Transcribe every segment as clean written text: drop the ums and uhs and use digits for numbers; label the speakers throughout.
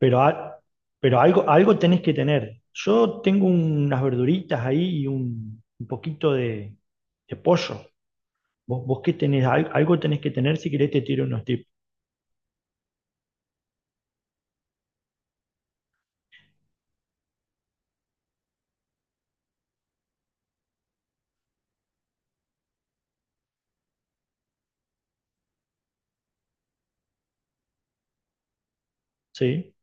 Speaker 1: Pero, a- pero algo, algo tenés que tener. Yo tengo unas verduritas ahí y un poquito de pollo. Vos qué tenés, algo tenés que tener si querés te tiro unos tips. Sí,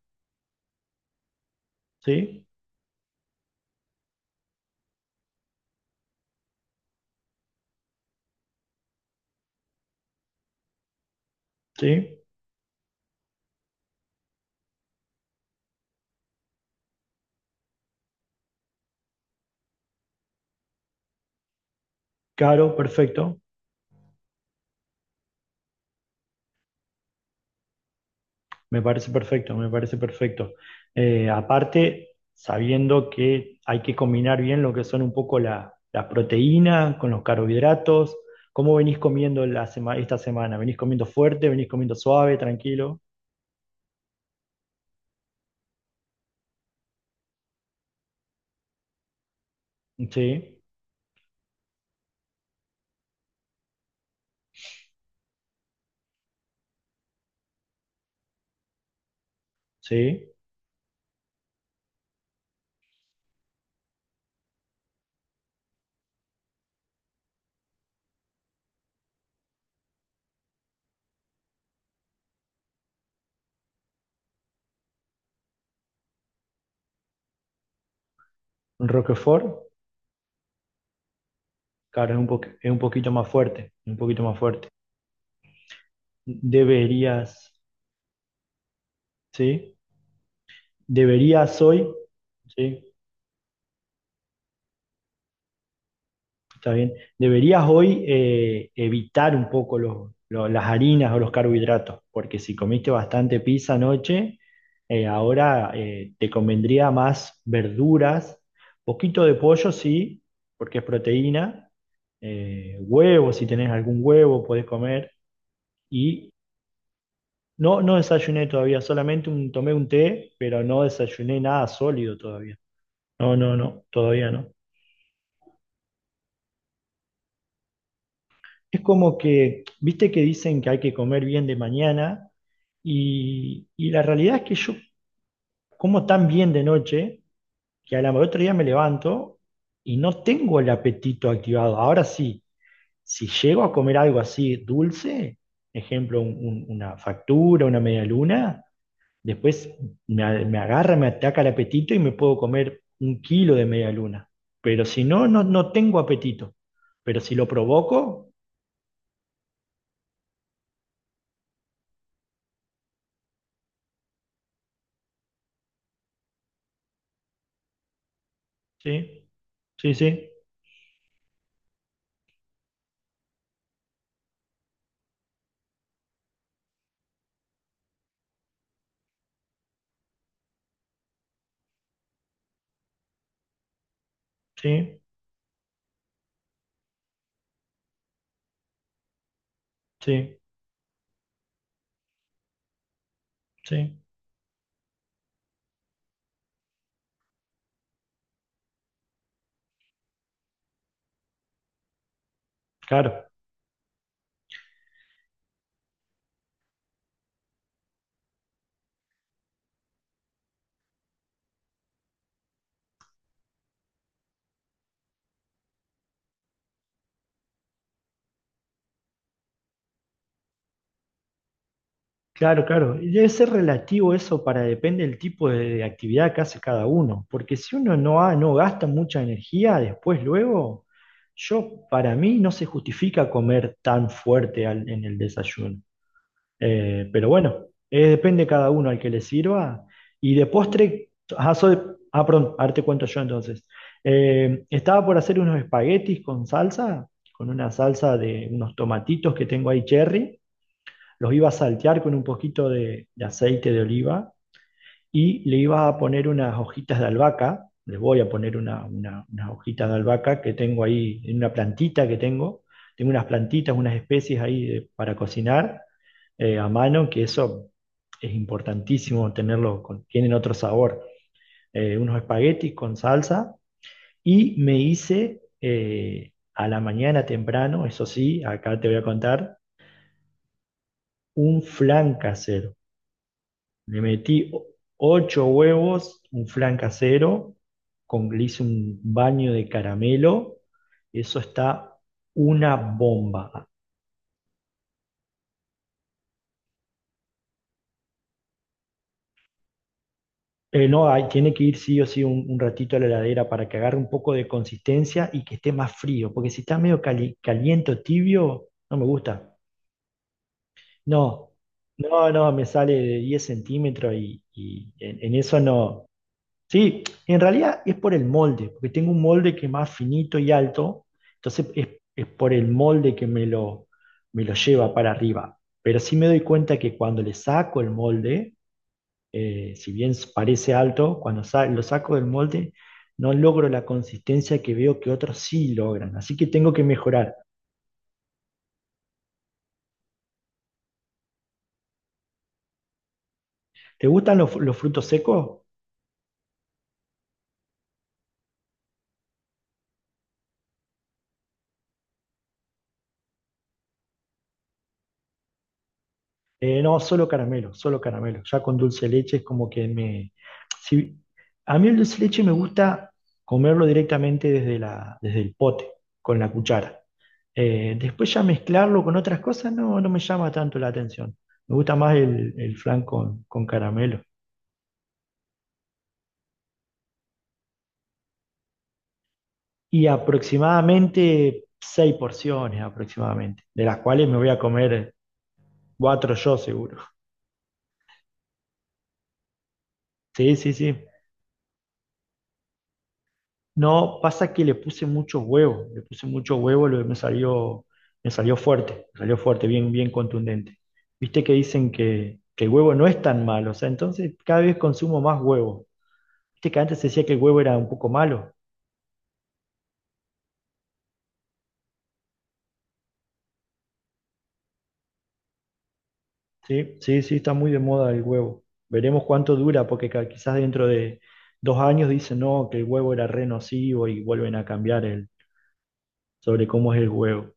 Speaker 1: sí, sí. Claro, perfecto. Me parece perfecto, me parece perfecto. Aparte, sabiendo que hay que combinar bien lo que son un poco las proteínas con los carbohidratos. ¿Cómo venís comiendo la esta semana? ¿Venís comiendo fuerte? ¿Venís comiendo suave, tranquilo? Sí. Sí, Roquefort, claro, es es un poquito más fuerte, un poquito más fuerte. Deberías, sí, deberías hoy, sí, está bien, deberías hoy evitar un poco las harinas o los carbohidratos, porque si comiste bastante pizza anoche, ahora te convendría más verduras, poquito de pollo, sí, porque es proteína, huevo, si tenés algún huevo, podés comer y No, no desayuné todavía, solamente tomé un té, pero no desayuné nada sólido todavía. No, todavía no. Es como que, viste que dicen que hay que comer bien de mañana y la realidad es que yo como tan bien de noche que a la otro día me levanto y no tengo el apetito activado. Ahora sí, si llego a comer algo así dulce, ejemplo, una factura, una media luna. Después me agarra, me ataca el apetito y me puedo comer un kilo de media luna. Pero si no, no tengo apetito. Pero si lo provoco, sí, sí, sí, sí, sí, sí. Claro, claro. Y debe ser relativo eso para depende del tipo de actividad que hace cada uno. Porque si uno no, no gasta mucha energía, después, luego, yo, para mí, no se justifica comer tan fuerte en el desayuno. Pero bueno, depende de cada uno al que le sirva. Y de postre, ah, soy, perdón, ahora te cuento yo entonces. Estaba por hacer unos espaguetis con salsa, con una salsa de unos tomatitos que tengo ahí cherry. Los iba a saltear con un poquito de aceite de oliva y le iba a poner unas hojitas de albahaca. Les voy a poner unas hojitas de albahaca que tengo ahí en una plantita que tengo. Tengo unas plantitas, unas especies ahí para cocinar a mano, que eso es importantísimo tenerlo, tienen otro sabor. Unos espaguetis con salsa y me hice a la mañana temprano, eso sí, acá te voy a contar, un flan casero. Le metí o- 8 huevos, un flan casero, con, le hice un baño de caramelo, eso está una bomba. No, hay- Tiene que ir sí o sí un ratito a la heladera para que agarre un poco de consistencia y que esté más frío, porque si está medio caliente o tibio, no me gusta. No, no, me sale de 10 centímetros en eso no. Sí, en realidad es por el molde, porque tengo un molde que es más finito y alto, entonces es por el molde que me me lo lleva para arriba. Pero sí me doy cuenta que cuando le saco el molde, si bien parece alto, cuando lo saco del molde, no logro la consistencia que veo que otros sí logran. Así que tengo que mejorar. ¿Te gustan los frutos secos? No, solo caramelo, solo caramelo. Ya con dulce de leche es como que me... si- a mí el dulce de leche me gusta comerlo directamente desde desde el pote, con la cuchara. Después ya mezclarlo con otras cosas no, no me llama tanto la atención. Me gusta más el flan con caramelo. Y aproximadamente 6 porciones, aproximadamente, de las cuales me voy a comer cuatro yo seguro. Sí. No, pasa que le puse mucho huevo, le puse mucho huevo, me salió fuerte, bien, bien contundente. Viste que dicen que el huevo no es tan malo, o sea, entonces cada vez consumo más huevo. Viste que antes se decía que el huevo era un poco malo. Sí, está muy de moda el huevo. Veremos cuánto dura, porque quizás dentro de 2 años dicen no, que el huevo era re nocivo y vuelven a cambiar sobre cómo es el huevo.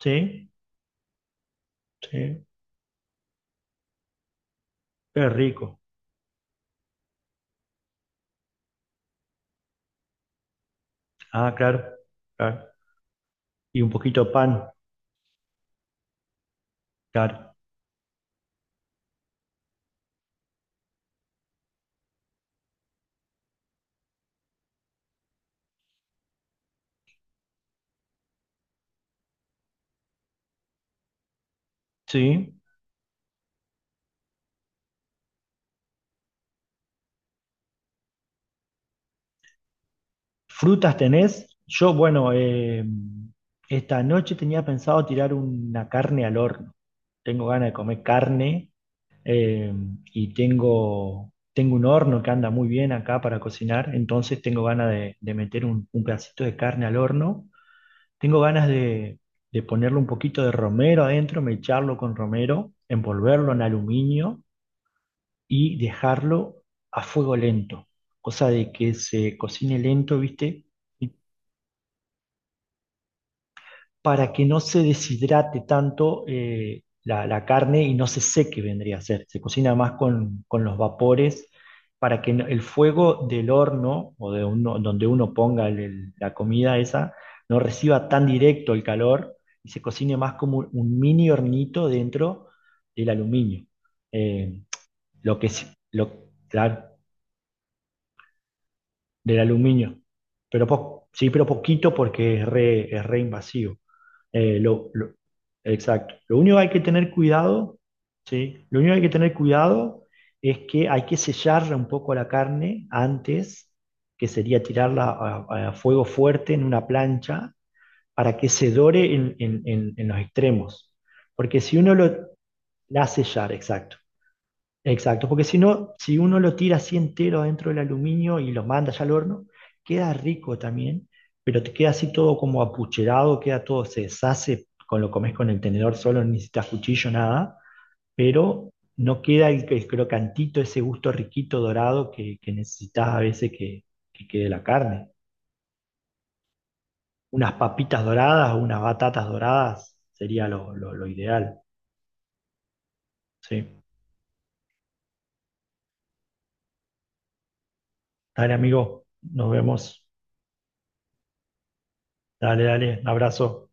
Speaker 1: Sí, sí, qué rico. Ah, claro, claro. Y un poquito de pan, claro. Sí, ¿frutas tenés? Yo, bueno, esta noche tenía pensado tirar una carne al horno. Tengo ganas de comer carne eh, tengo un horno que anda muy bien acá para cocinar, entonces tengo ganas de meter un pedacito de carne al horno. Tengo ganas de ponerle un poquito de romero adentro, mecharlo con romero, envolverlo en aluminio y dejarlo a fuego lento, cosa de que se cocine lento, ¿viste? Para que no se deshidrate tanto la carne y no se seque, vendría a ser. Se cocina más con los vapores para que el fuego del horno o de uno, donde uno ponga la comida esa no reciba tan directo el calor y se cocine más como un mini hornito dentro del aluminio. Eh, lo, que sí, lo, claro, del aluminio. Sí, pero poquito porque es re invasivo. Eh, lo, lo- exacto. Lo único que hay que tener cuidado, ¿sí? Lo único que hay que tener cuidado es que hay que sellarla un poco la carne antes, que sería tirarla a fuego fuerte en una plancha para que se dore en los extremos. Porque si uno lo... La sellar, exacto. Exacto, porque si no, si uno lo tira así entero dentro del aluminio y lo manda ya al horno, queda rico también, pero te queda así todo como apucherado, queda todo, se deshace, con lo comes con el tenedor solo, no necesitas cuchillo, nada, pero no queda el crocantito, ese gusto riquito dorado que necesitas a veces que quede la carne. Unas papitas doradas o unas batatas doradas sería lo ideal. Sí. Dale, amigo, nos vemos. Dale, dale, un abrazo. Chau,